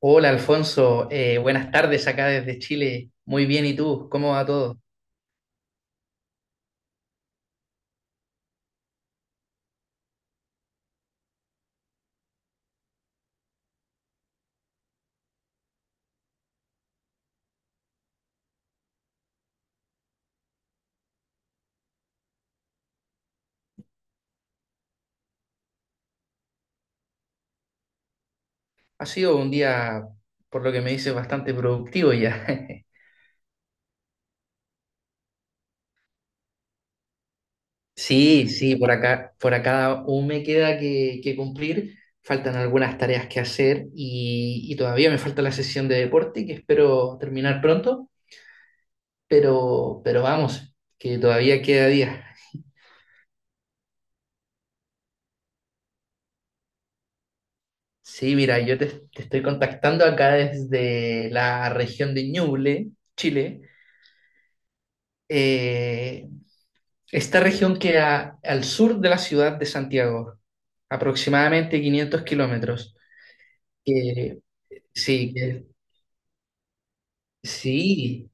Hola Alfonso, buenas tardes acá desde Chile. Muy bien, ¿y tú? ¿Cómo va todo? Ha sido un día, por lo que me dices, bastante productivo ya. Sí, sí, por acá aún me queda que cumplir. Faltan algunas tareas que hacer y todavía me falta la sesión de deporte que espero terminar pronto, pero vamos, que todavía queda día. Sí, mira, te estoy contactando acá desde la región de Ñuble, Chile. Eh, Esta región queda al sur de la ciudad de Santiago, aproximadamente 500 kilómetros. Que- sí, que- sí,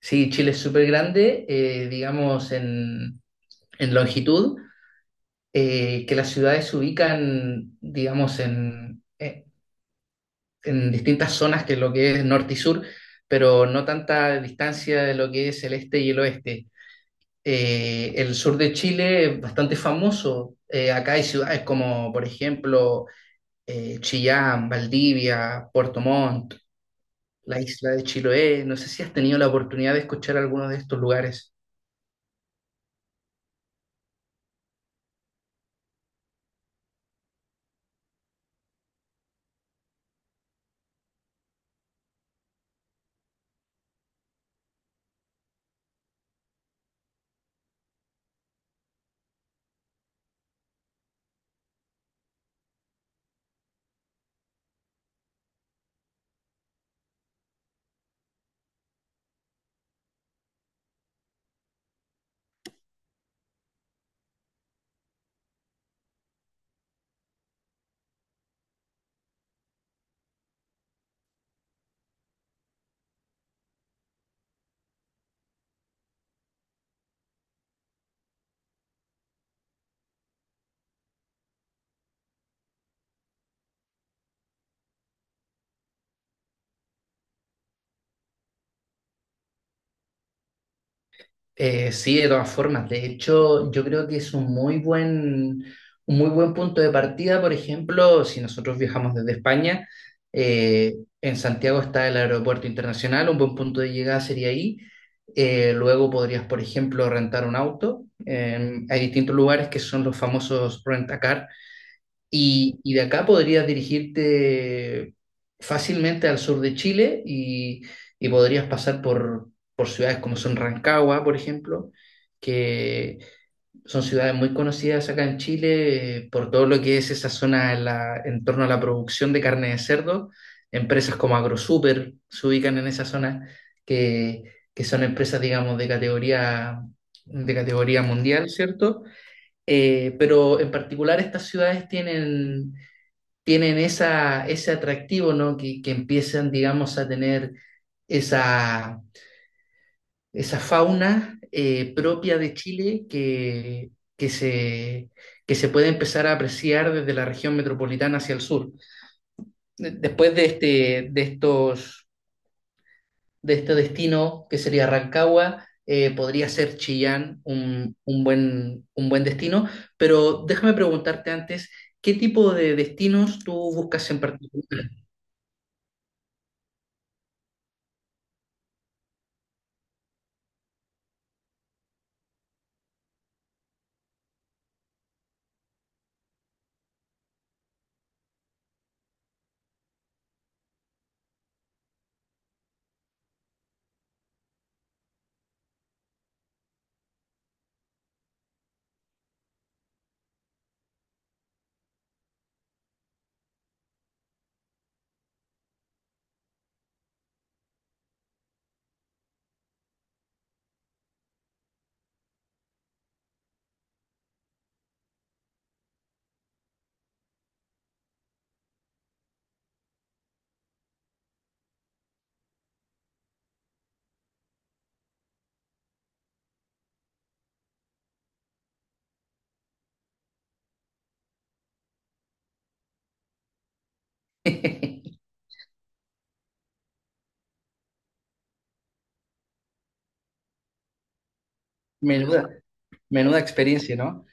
sí, Chile es súper grande, digamos, en longitud, que las ciudades se ubican, digamos, en distintas zonas que lo que es norte y sur, pero no tanta distancia de lo que es el este y el oeste. El sur de Chile es bastante famoso. Acá hay ciudades como, por ejemplo, Chillán, Valdivia, Puerto Montt, la isla de Chiloé. No sé si has tenido la oportunidad de escuchar alguno de estos lugares. Sí, de todas formas. De hecho, yo creo que es un muy buen punto de partida. Por ejemplo, si nosotros viajamos desde España, eh, en Santiago está el aeropuerto internacional, un buen punto de llegada sería ahí. Luego podrías, por ejemplo, rentar un auto. Hay distintos lugares que son los famosos rentacar. Y de acá podrías dirigirte fácilmente al sur de Chile y podrías pasar por ciudades como son Rancagua, por ejemplo, que son ciudades muy conocidas acá en Chile por todo lo que es esa zona en torno a la producción de carne de cerdo. Empresas como AgroSuper se ubican en esa zona, que, que son empresas, digamos, de categoría mundial, ¿cierto? Pero en particular estas ciudades tienen ese atractivo, ¿no? Que empiezan, digamos, a tener esa, esa fauna propia de Chile que se, que se puede empezar a apreciar desde la región metropolitana hacia el sur. Después de estos, de este destino, que sería Rancagua, podría ser Chillán un buen destino, pero déjame preguntarte antes, ¿qué tipo de destinos tú buscas en particular? Menuda, menuda experiencia, ¿no?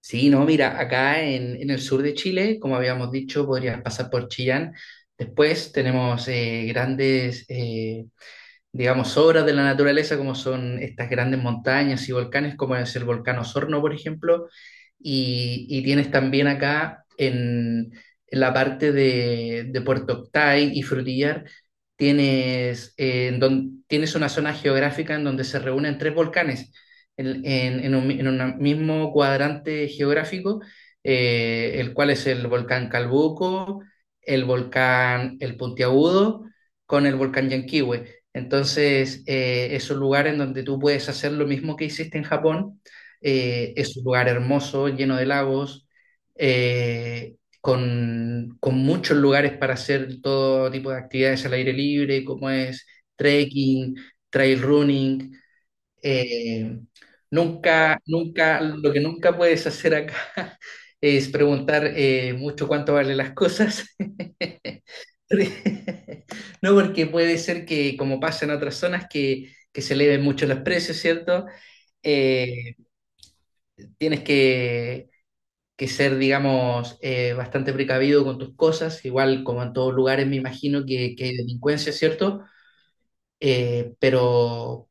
Sí, no, mira, en el sur de Chile, como habíamos dicho, podrías pasar por Chillán. Después tenemos grandes digamos, obras de la naturaleza, como son estas grandes montañas y volcanes, como es el volcán Osorno, por ejemplo, y tienes también la parte de Puerto Octay y Frutillar, tienes, tienes una zona geográfica en donde se reúnen tres volcanes en un mismo cuadrante geográfico, el cual es el volcán Calbuco, el volcán El Puntiagudo, con el volcán Llanquihue. Entonces, es un lugar en donde tú puedes hacer lo mismo que hiciste en Japón. Es un lugar hermoso, lleno de lagos, eh, con muchos lugares para hacer todo tipo de actividades al aire libre, como es trekking, trail running. Eh, nunca, lo que nunca puedes hacer acá es preguntar mucho cuánto valen las cosas. No, porque puede ser que, como pasa en otras zonas, que se eleven mucho los precios, ¿cierto? Eh, tienes que ser, digamos, bastante precavido con tus cosas, igual como en todos lugares me imagino que hay delincuencia, ¿cierto? Eh, pero,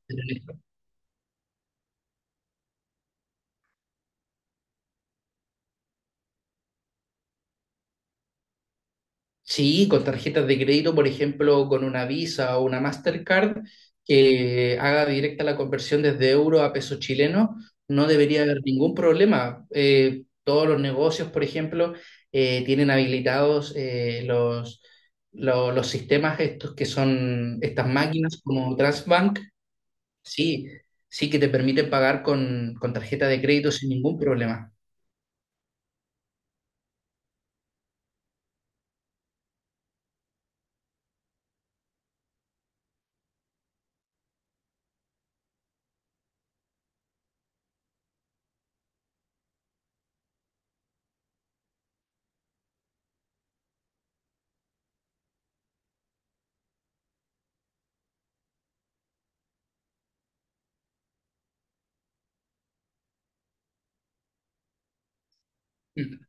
Sí, con tarjetas de crédito, por ejemplo, con una Visa o una Mastercard que haga directa la conversión desde euro a peso chileno, no debería haber ningún problema. Todos los negocios, por ejemplo, tienen habilitados los sistemas estos que son estas máquinas como Transbank, sí, sí que te permiten pagar con tarjeta de crédito sin ningún problema. Mm.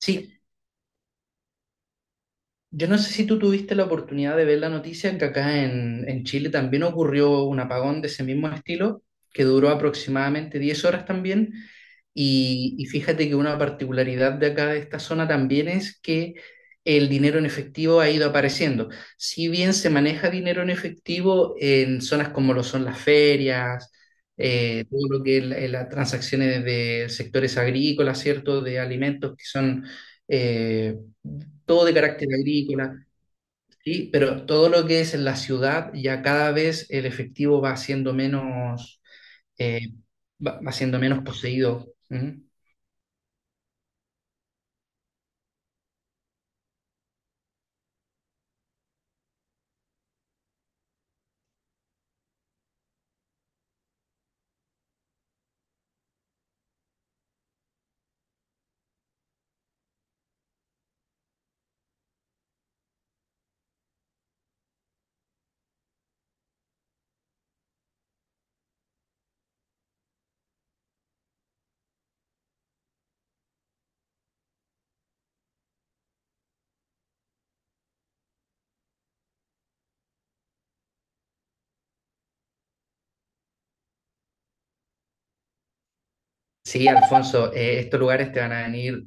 Sí, yo no sé si tú tuviste la oportunidad de ver la noticia que en Chile también ocurrió un apagón de ese mismo estilo, que duró aproximadamente 10 horas también. Y fíjate que una particularidad de acá de esta zona también es que el dinero en efectivo ha ido apareciendo. Si bien se maneja dinero en efectivo en zonas como lo son las ferias, todo lo que es la- las transacciones de sectores agrícolas, ¿cierto? De alimentos que son... eh, todo de carácter agrícola, ¿sí? Pero todo lo que es en la ciudad, ya cada vez el efectivo va siendo menos, eh, va siendo menos poseído. ¿Mm? Sí, Alfonso, estos lugares te van a venir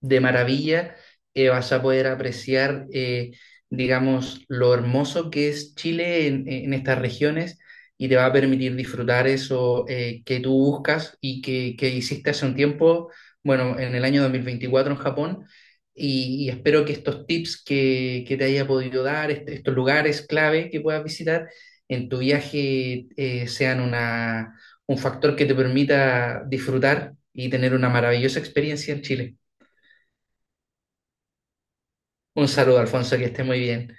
de maravilla. Vas a poder apreciar, digamos, lo hermoso que es Chile en estas regiones y te va a permitir disfrutar eso que tú buscas y que hiciste hace un tiempo, bueno, en el año 2024 en Japón. Y espero que estos tips que te haya podido dar, estos lugares clave que puedas visitar en tu viaje, sean una un factor que te permita disfrutar y tener una maravillosa experiencia en Chile. Un saludo, Alfonso, que esté muy bien.